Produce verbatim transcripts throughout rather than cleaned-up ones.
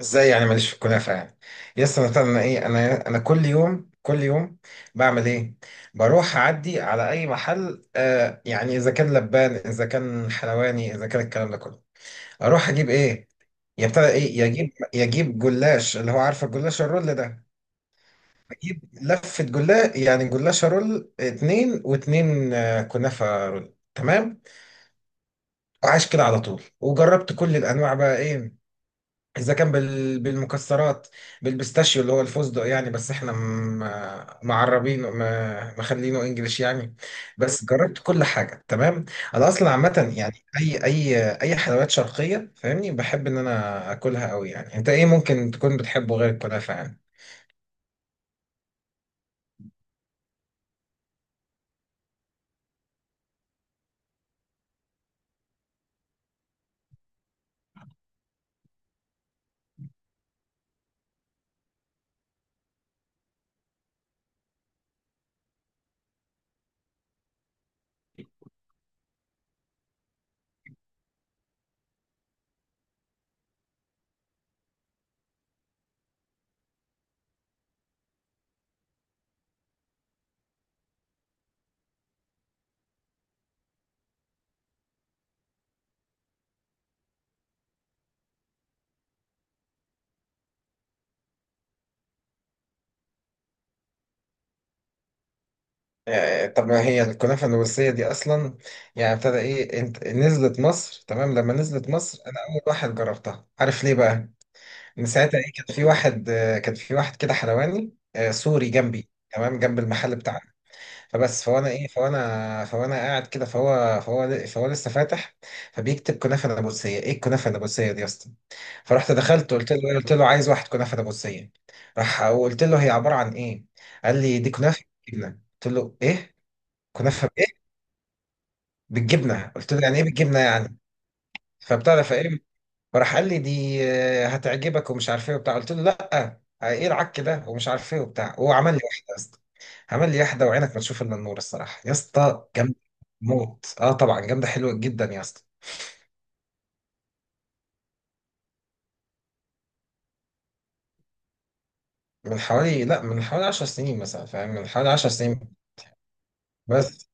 ازاي يعني ماليش في الكنافه يعني؟ يس، انا انا ايه، انا انا كل يوم كل يوم بعمل ايه؟ بروح اعدي على اي محل، آه يعني اذا كان لبان اذا كان حلواني اذا كان الكلام ده كله. اروح اجيب ايه؟ يبتدى ايه، يجيب يجيب جلاش اللي هو عارف الجلاش الرول ده. اجيب لفه جلاش يعني جلاش رول، اتنين واتنين آه كنافه رول، تمام. وعايش كده على طول وجربت كل الانواع بقى ايه، اذا كان بال... بالمكسرات، بالبيستاشيو اللي هو الفستق يعني، بس احنا م... معربينه، م... مخلينه انجليش يعني. بس جربت كل حاجه تمام. انا اصلا عامه يعني اي اي اي حلويات شرقيه، فاهمني؟ بحب ان انا اكلها قوي يعني. انت ايه ممكن تكون بتحبه غير الكنافه يعني؟ آه، طب ما هي الكنافه النورسيه دي اصلا يعني ابتدى ايه؟ انت نزلت مصر، تمام؟ لما نزلت مصر انا اول واحد جربتها، عارف ليه بقى؟ من ساعتها ايه، كان في واحد، آه، كان في واحد كده حلواني، آه، سوري جنبي، تمام، جنب المحل بتاعنا. فبس فوانا ايه، فوانا فوانا قاعد كده، فهو فهو فهو لسه فاتح. فبيكتب كنافه نابلسيه، ايه الكنافه النابلسيه دي يا اسطى؟ فرحت دخلت، قلت له قلت له عايز واحد كنافه نابلسيه. راح وقلت له هي عباره عن ايه؟ قال لي دي كنافه بالجبنه. قلت له ايه، كنافه بايه، بالجبنه؟ قلت له يعني ايه بالجبنه يعني؟ فبتعرف ايه، فراح قال لي دي، آه، هتعجبك ومش عارف ايه وبتاع. قلت له لا، آه، ايه العك ده ومش عارف ايه وبتاع. هو عمل لي واحده يا اسطى، عمل لي واحده وعينك ما تشوف الا النور. الصراحه يا اسطى جامده موت، اه طبعا جامده حلوه جدا يا اسطى. من حوالي لا من حوالي عشر سنين مثلا، فاهم؟ من حوالي عشر سنين بس.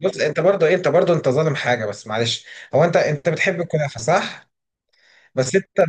بص، انت برضو ايه انت برضو انت ظالم حاجه بس معلش. هو انت انت بتحب الكنافه صح؟ بس انت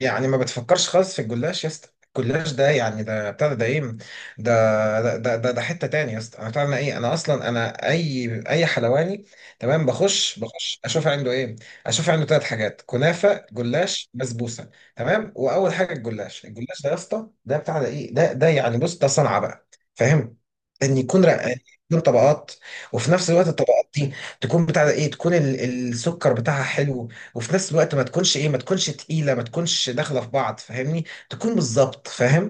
يعني ما بتفكرش خالص في الجلاش يا اسطى؟ الجلاش ده يعني ده بتاع ده ايه ده، ده ده ده, ده حته تاني يا اسطى. انا بتاع ايه، انا اصلا انا اي اي حلواني تمام بخش، بخش اشوف عنده ايه. اشوف عنده ثلاث حاجات، كنافه جلاش بسبوسه تمام. واول حاجه الجلاش، الجلاش ده يا اسطى ده بتاع ده ايه ده ده يعني بص ده صنعه بقى، فاهم؟ ان يكون رقاني، يكون طبقات. وفي نفس الوقت الطبقات دي تكون بتاع ده ايه، تكون ال- السكر بتاعها حلو. وفي نفس الوقت ما تكونش ايه، ما تكونش تقيله، ما تكونش داخله في بعض، فاهمني؟ تكون بالظبط، فاهم؟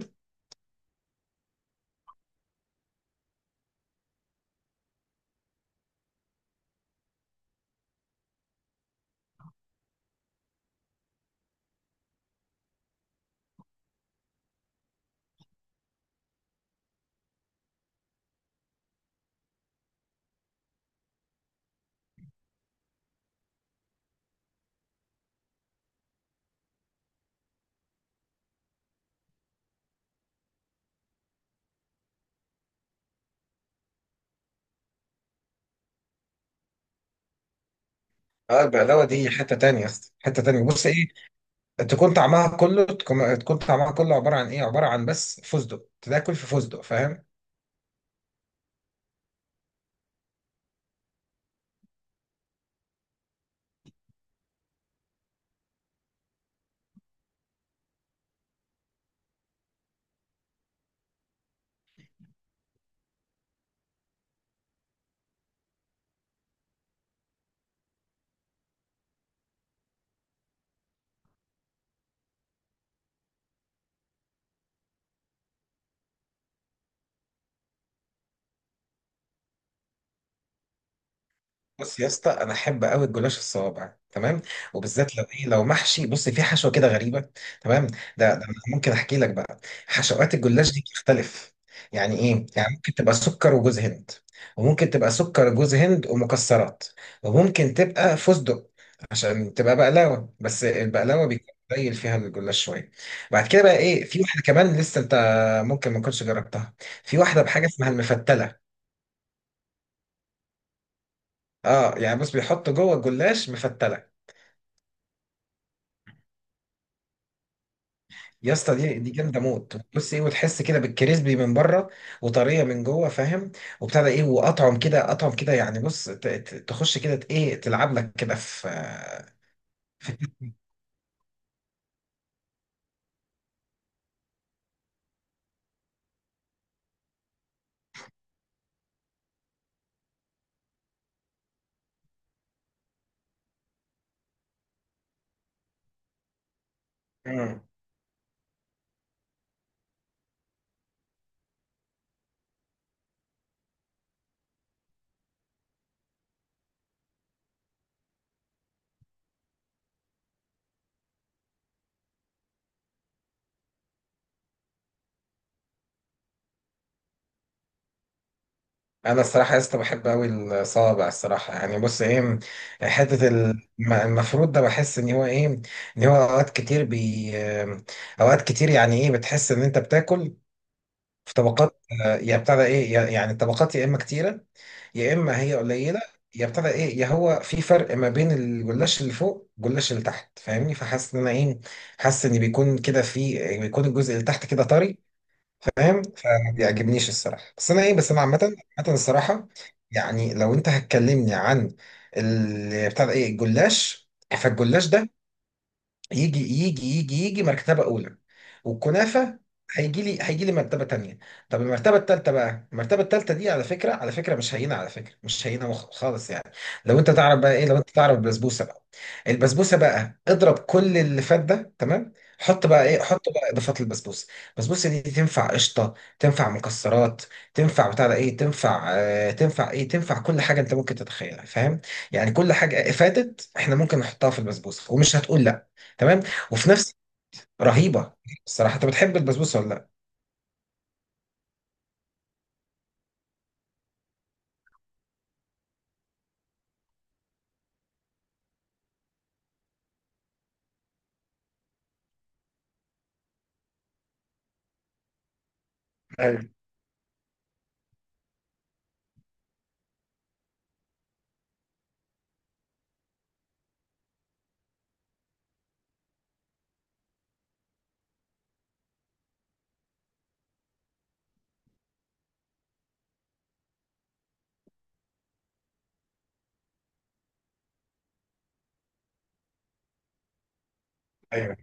اه، البقلاوه دي حته تانية يا اسطى، حته تانية. بص ايه، تكون طعمها كله تكون تكون طعمها كله عباره عن ايه، عباره عن بس فستق، تاكل في فستق، فاهم؟ بص يا اسطى، انا احب قوي الجلاش الصوابع تمام. وبالذات لو ايه، لو محشي، بص في حشوه كده غريبه تمام. ده ده أنا ممكن احكي لك بقى، حشوات الجلاش دي بتختلف. يعني ايه، يعني ممكن تبقى سكر وجوز هند، وممكن تبقى سكر وجوز هند ومكسرات، وممكن تبقى فستق عشان تبقى بقلاوه، بس البقلاوه بيكون قليل فيها الجلاش شويه. بعد كده بقى ايه، في واحده كمان لسه انت ممكن ما تكونش جربتها. في واحده بحاجه اسمها المفتله. اه يعني بص، بيحطوا جوه الجلاش مفتله. يا اسطى دي دي جامده موت، بص ايه، وتحس كده بالكريسبي من بره وطريه من جوه، فاهم؟ وبتاع ده ايه، واطعم كده اطعم كده يعني، بص ت- ت- تخش كده، ت- ايه، تلعب لك كده في. مم. انا الصراحه يا اسطى بحب قوي الصوابع، الصراحه. يعني بص ايه، حته الم- المفروض ده، بحس ان هو ايه، ان هو اوقات كتير بي اوقات كتير يعني ايه، بتحس ان انت بتاكل في طبقات، آه، يا بتاع ده ايه، يا- يعني طبقات يا اما كتيره يا اما هي قليله، يا ابتدى ايه، يا هو في فرق ما بين الجلاش اللي فوق والجلاش اللي تحت، فاهمني؟ فحاسس ان انا ايه، حاسس ان بيكون كده في، بيكون الجزء اللي تحت كده طري، فاهم؟ فما بيعجبنيش الصراحه، بس انا ايه، بس انا عامه عامه الصراحه. يعني لو انت هتكلمني عن ال- بتاع ده ايه، الجلاش، فالجلاش ده يجي يجي يجي يجي مرتبة أولى، والكنافة هيجي لي هيجي لي مرتبة تانية. طب المرتبة التالتة بقى، المرتبة التالتة دي على فكرة، على فكرة مش هينة، على فكرة مش هينة مخ- خالص يعني. لو أنت تعرف بقى إيه، لو أنت تعرف البسبوسة بقى، البسبوسة بقى اضرب كل اللي فات ده تمام. حط بقى إيه، حط بقى إضافات للبسبوسة. البسبوسة دي تنفع قشطة، تنفع مكسرات، تنفع بتاع ده إيه، تنفع آه، تنفع إيه، تنفع كل حاجة أنت ممكن تتخيلها، فاهم؟ يعني كل حاجة فاتت إحنا ممكن نحطها في البسبوسة ومش هتقول. تمام، وفي نفس، رهيبه الصراحه. انت بتحب البسبوسه ولا لا؟ ايوه، ايوه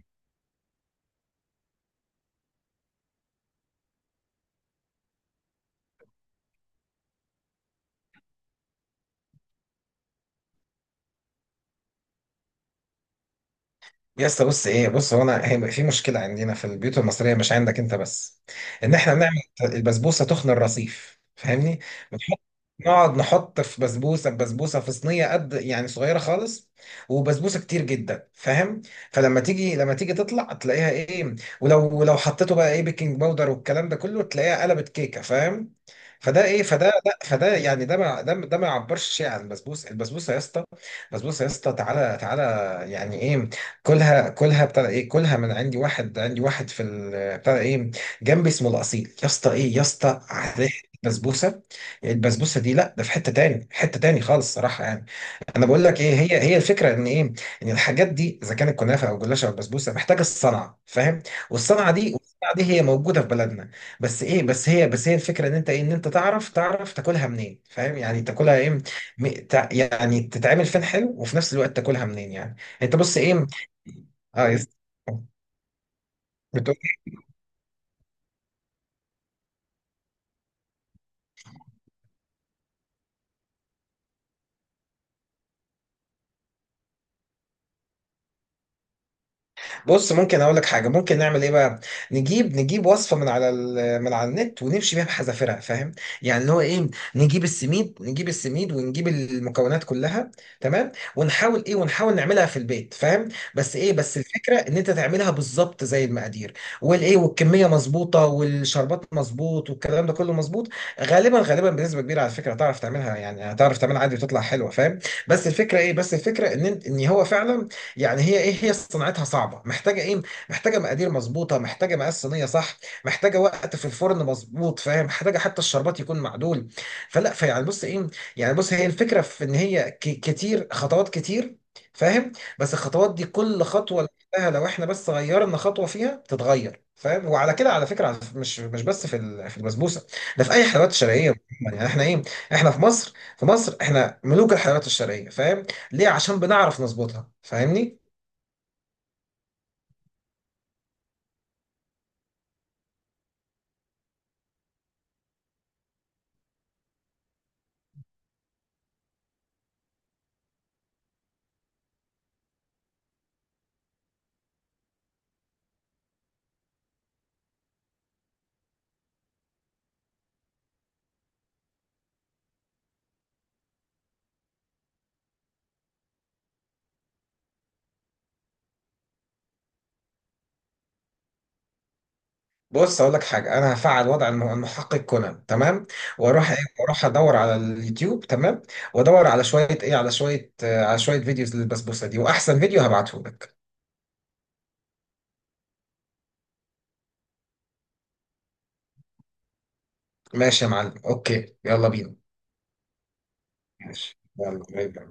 يا اسطى، بص ايه، بص هو، انا هي في مشكله عندنا في البيوت المصريه، مش عندك انت بس، ان احنا بنعمل البسبوسه تخن الرصيف، فاهمني؟ بنحط نقعد نحط في بسبوسه، بسبوسه في صينيه قد يعني صغيره خالص، وبسبوسه كتير جدا، فاهم؟ فلما تيجي، لما تيجي تطلع تلاقيها ايه، ولو ولو حطيته بقى ايه، بيكنج باودر والكلام ده كله، تلاقيها قلبت كيكه، فاهم؟ فده ايه، فده لا فده يعني، ده ما ده ما- ده ما يعبرش شيء عن البسبوسه. البسبوسه يا اسطى، البسبوسه يا اسطى، تعالى تعالى يعني ايه، كلها، كلها بتاع ايه كلها من عندي، واحد عندي واحد في ال- بتاع ايه، جنبي، اسمه الاصيل. يا اسطى ايه يا اسطى، ريحه البسبوسه، البسبوسه دي لا ده في حته تاني، حته تاني خالص صراحه يعني. انا بقول لك ايه، هي هي الفكره ان ايه، ان الحاجات دي اذا كانت كنافه او جلاشه او بسبوسه محتاجه الصنعه، فاهم؟ والصنعه دي والصنعه دي هي موجوده في بلدنا. بس ايه، بس هي بس هي الفكره ان انت ايه، ان انت تعرف تعرف تاكلها منين، فاهم؟ يعني تاكلها ايه، م- تع- يعني تتعمل فين حلو وفي نفس الوقت تاكلها منين يعني. انت بص ايه، اه، يس- بتقول إيه؟ بص ممكن اقول لك حاجه، ممكن نعمل ايه بقى، نجيب نجيب وصفه من على ال- من على النت، ونمشي بيها بحذافيرها، فاهم؟ يعني اللي هو ايه، نجيب السميد نجيب السميد ونجيب المكونات كلها تمام، ونحاول ايه، ونحاول نعملها في البيت، فاهم؟ بس ايه، بس الفكره ان انت تعملها بالظبط زي المقادير والايه، والكميه مظبوطه والشربات مظبوط والكلام ده كله مظبوط. غالبا غالبا بنسبه كبيره على فكره هتعرف تعملها، يعني هتعرف تعملها عادي وتطلع حلوه، فاهم؟ بس الفكره ايه، بس الفكره ان إنت- ان هو فعلا، يعني هي ايه، هي صناعتها صعبه، محتاجه ايه، محتاجه مقادير مظبوطه، محتاجه مقاس صينيه، صح؟ محتاجه وقت في الفرن مظبوط، فاهم؟ محتاجه حتى الشربات يكون معدول. فلا فيعني بص ايه، يعني بص هي الفكره في ان هي ك- كتير خطوات كتير، فاهم؟ بس الخطوات دي كل خطوه لوحدها، لو احنا بس غيرنا خطوه فيها تتغير، فاهم؟ وعلى كده على فكره، على ف- مش مش بس في ال- في البسبوسه، ده في اي حلويات شرقيه. يعني احنا ايه، احنا في مصر، في مصر احنا ملوك الحلويات الشرقيه، فاهم؟ ليه؟ عشان بنعرف نظبطها، فاهمني؟ بص اقول لك حاجه، انا هفعل وضع الم- المحقق كونان تمام، واروح ايه، واروح ادور على اليوتيوب تمام، وادور على شويه ايه، على شويه آه، على شويه فيديوز للبسبوسه دي، واحسن فيديو هبعته لك. ماشي يا معلم، اوكي يلا بينا، ماشي يلا باي باي.